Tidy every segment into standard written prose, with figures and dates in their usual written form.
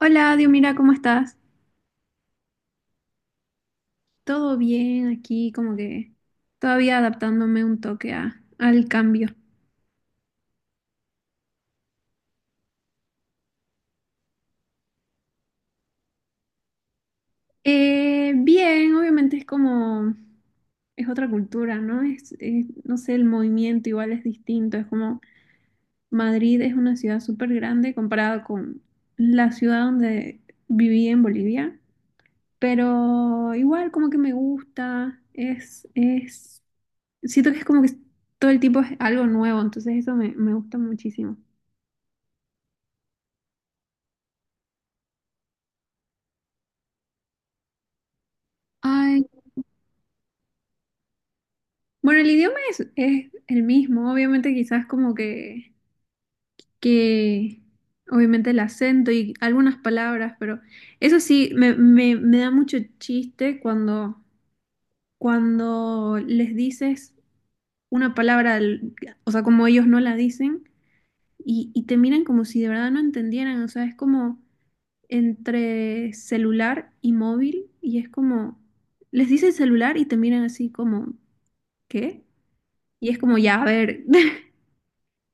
Hola, Dios, mira, ¿cómo estás? Todo bien aquí, como que todavía adaptándome un toque al cambio. Bien, obviamente es como, es otra cultura, ¿no? No sé, el movimiento igual es distinto, es como Madrid es una ciudad súper grande comparada con la ciudad donde viví en Bolivia, pero igual como que me gusta, siento que es como que todo el tiempo es algo nuevo, entonces eso me gusta muchísimo. Ay, bueno, el idioma es el mismo, obviamente quizás como que, obviamente el acento y algunas palabras, pero eso sí, me da mucho chiste cuando les dices una palabra, o sea, como ellos no la dicen, y te miran como si de verdad no entendieran, o sea, es como entre celular y móvil, y es como, les dices celular y te miran así como, ¿qué? Y es como, ya, a ver.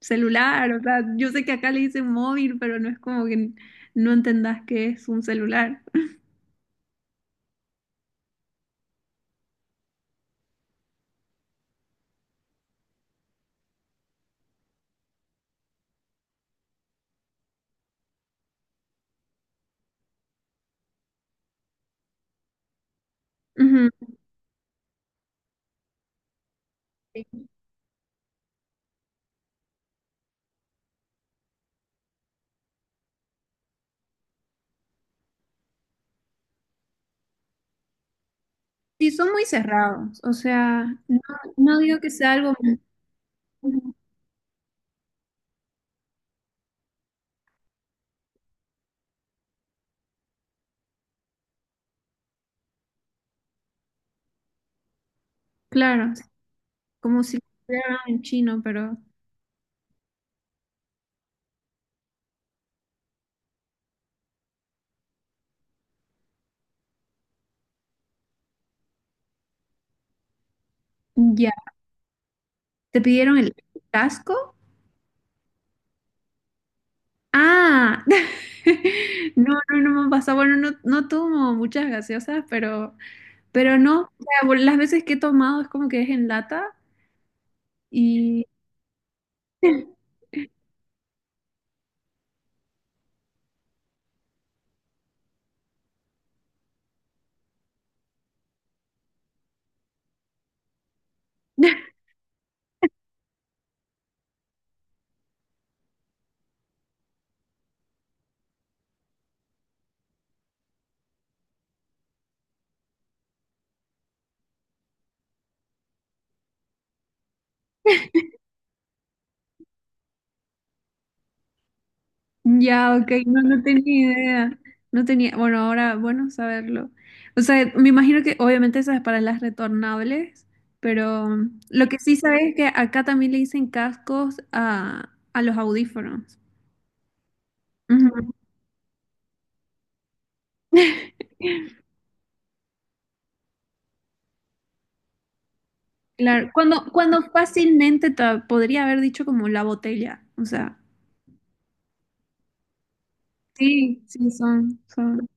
Celular, o sea, yo sé que acá le dicen móvil, pero no es como que no entendás que es un celular. Ujú. Sí, son muy cerrados, o sea, no, no digo que sea algo claro, como si lo hicieran en chino, pero ya. ¿Te pidieron el casco? Ah, no, no, no me ha pasado. Bueno, no, no tomo muchas gaseosas, pero no. O sea, bueno, las veces que he tomado es como que es en lata y ya, ok, no, no tenía idea. No tenía, bueno, ahora, bueno, saberlo. O sea, me imagino que obviamente esas para las retornables, pero lo que sí sabes es que acá también le dicen cascos a los audífonos. Ujú. Claro, cuando fácilmente te podría haber dicho como la botella, o sea. Sí, sí, son, son.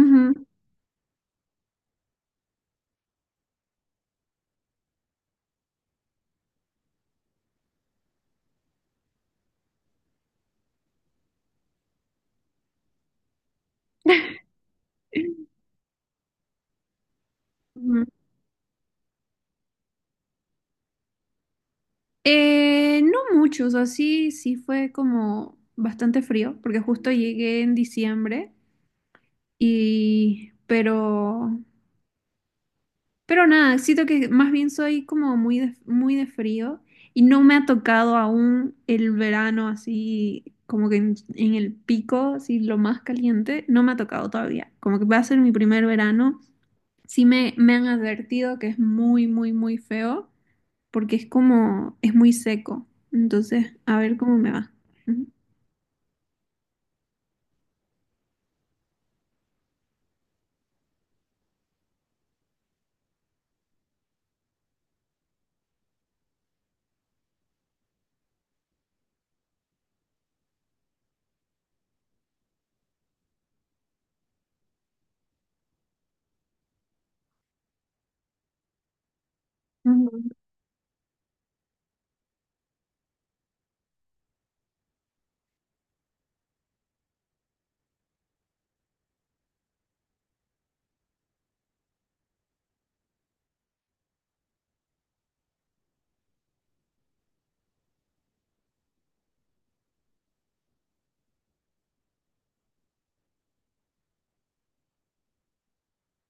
Ujú. Ujú. No mucho, o sea, sí, sí fue como bastante frío, porque justo llegué en diciembre y, pero nada, siento que más bien soy como muy de frío y no me ha tocado aún el verano así, como que en el pico, así lo más caliente, no me ha tocado todavía, como que va a ser mi primer verano, sí me han advertido que es muy, muy, muy feo porque es como, es muy seco. Entonces, a ver cómo me va. Ujú. Ujú.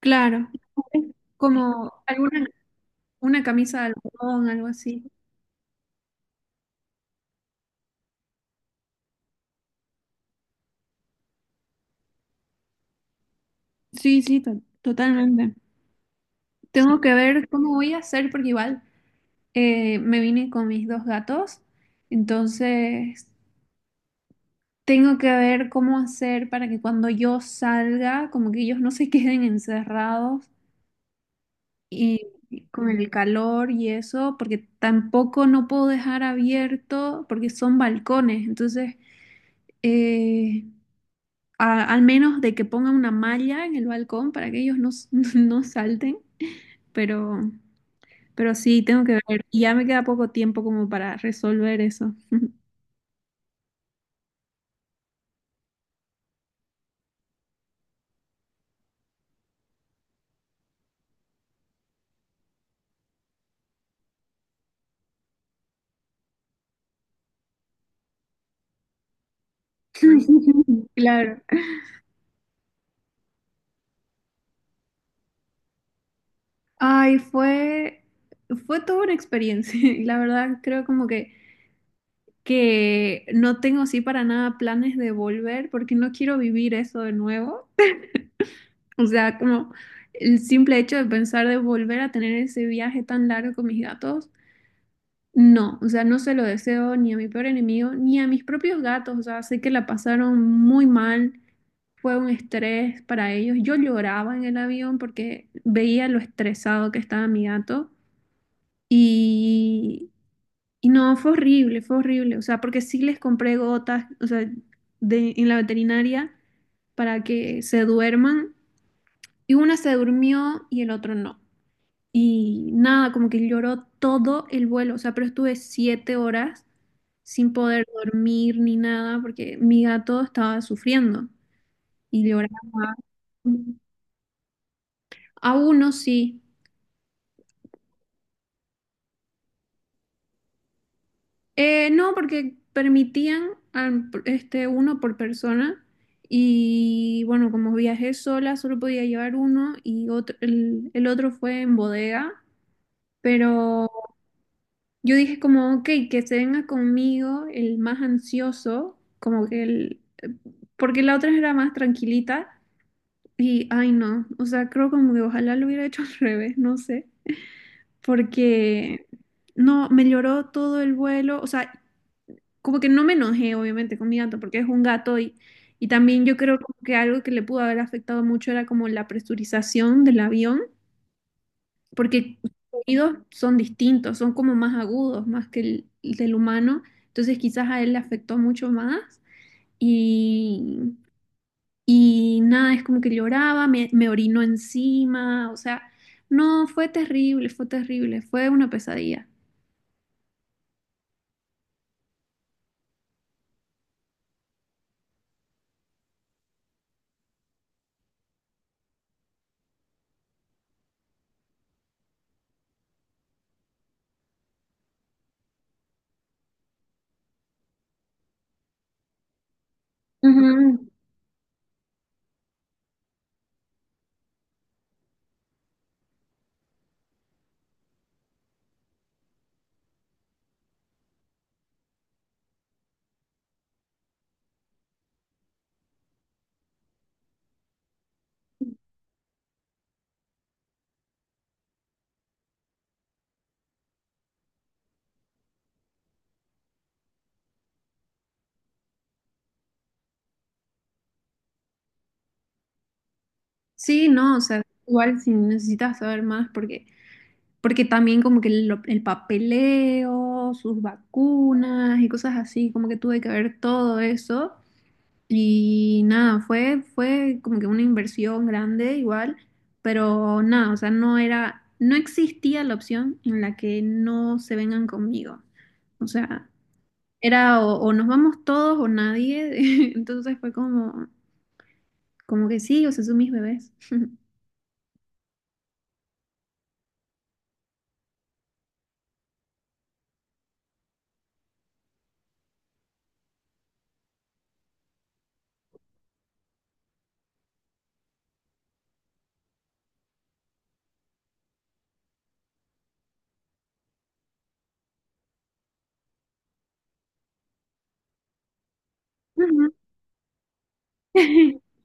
Claro, como alguna una camisa de algodón, algo así. Sí, sí, totalmente. Tengo que ver cómo voy a hacer porque igual me vine con mis dos gatos, entonces tengo que ver cómo hacer para que cuando yo salga, como que ellos no se queden encerrados y con el calor y eso, porque tampoco no puedo dejar abierto, porque son balcones. Entonces, eh, al menos de que pongan una malla en el balcón para que ellos no, no salten, pero, pero sí, tengo que ver. Y ya me queda poco tiempo como para resolver eso. Claro. Ay, fue toda una experiencia. La verdad, creo como que no tengo sí para nada planes de volver porque no quiero vivir eso de nuevo. O sea, como el simple hecho de pensar de volver a tener ese viaje tan largo con mis gatos, no, o sea, no se lo deseo ni a mi peor enemigo ni a mis propios gatos. O sea, sé que la pasaron muy mal, fue un estrés para ellos. Yo lloraba en el avión porque veía lo estresado que estaba mi gato. Y Y no, fue horrible, fue horrible. O sea, porque sí les compré gotas, o sea, en la veterinaria para que se duerman. Y una se durmió y el otro no. Y nada, como que lloró todo el vuelo. O sea, pero estuve 7 horas sin poder dormir ni nada porque mi gato estaba sufriendo y lloraba. A uno sí, No, porque permitían este, uno por persona y bueno, como viajé sola, solo podía llevar uno y otro, el otro fue en bodega, pero yo dije como, ok, que se venga conmigo el más ansioso, como que el, porque la otra era más tranquilita y, ay no, o sea, creo como que ojalá lo hubiera hecho al revés, no sé, porque... No, me lloró todo el vuelo, o sea, como que no me enojé, obviamente, con mi gato, porque es un gato y también yo creo como que algo que le pudo haber afectado mucho era como la presurización del avión, porque sus oídos son distintos, son como más agudos, más que el del humano, entonces quizás a él le afectó mucho más y, y nada, es como que lloraba, me orinó encima, o sea, no, fue terrible, fue terrible, fue una pesadilla. Ujú. Sí, no, o sea, igual si necesitas saber más, Porque también como que el papeleo, sus vacunas y cosas así, como que tuve que ver todo eso. Y nada, fue como que una inversión grande igual, pero nada, o sea, no era, no existía la opción en la que no se vengan conmigo. O sea, era o nos vamos todos o nadie. Entonces fue como que sí, o sea, son mis bebés. Ujú.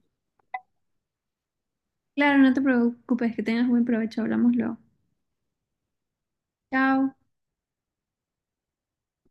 Claro, no te preocupes, que tengas buen provecho, hablamos luego. Chao.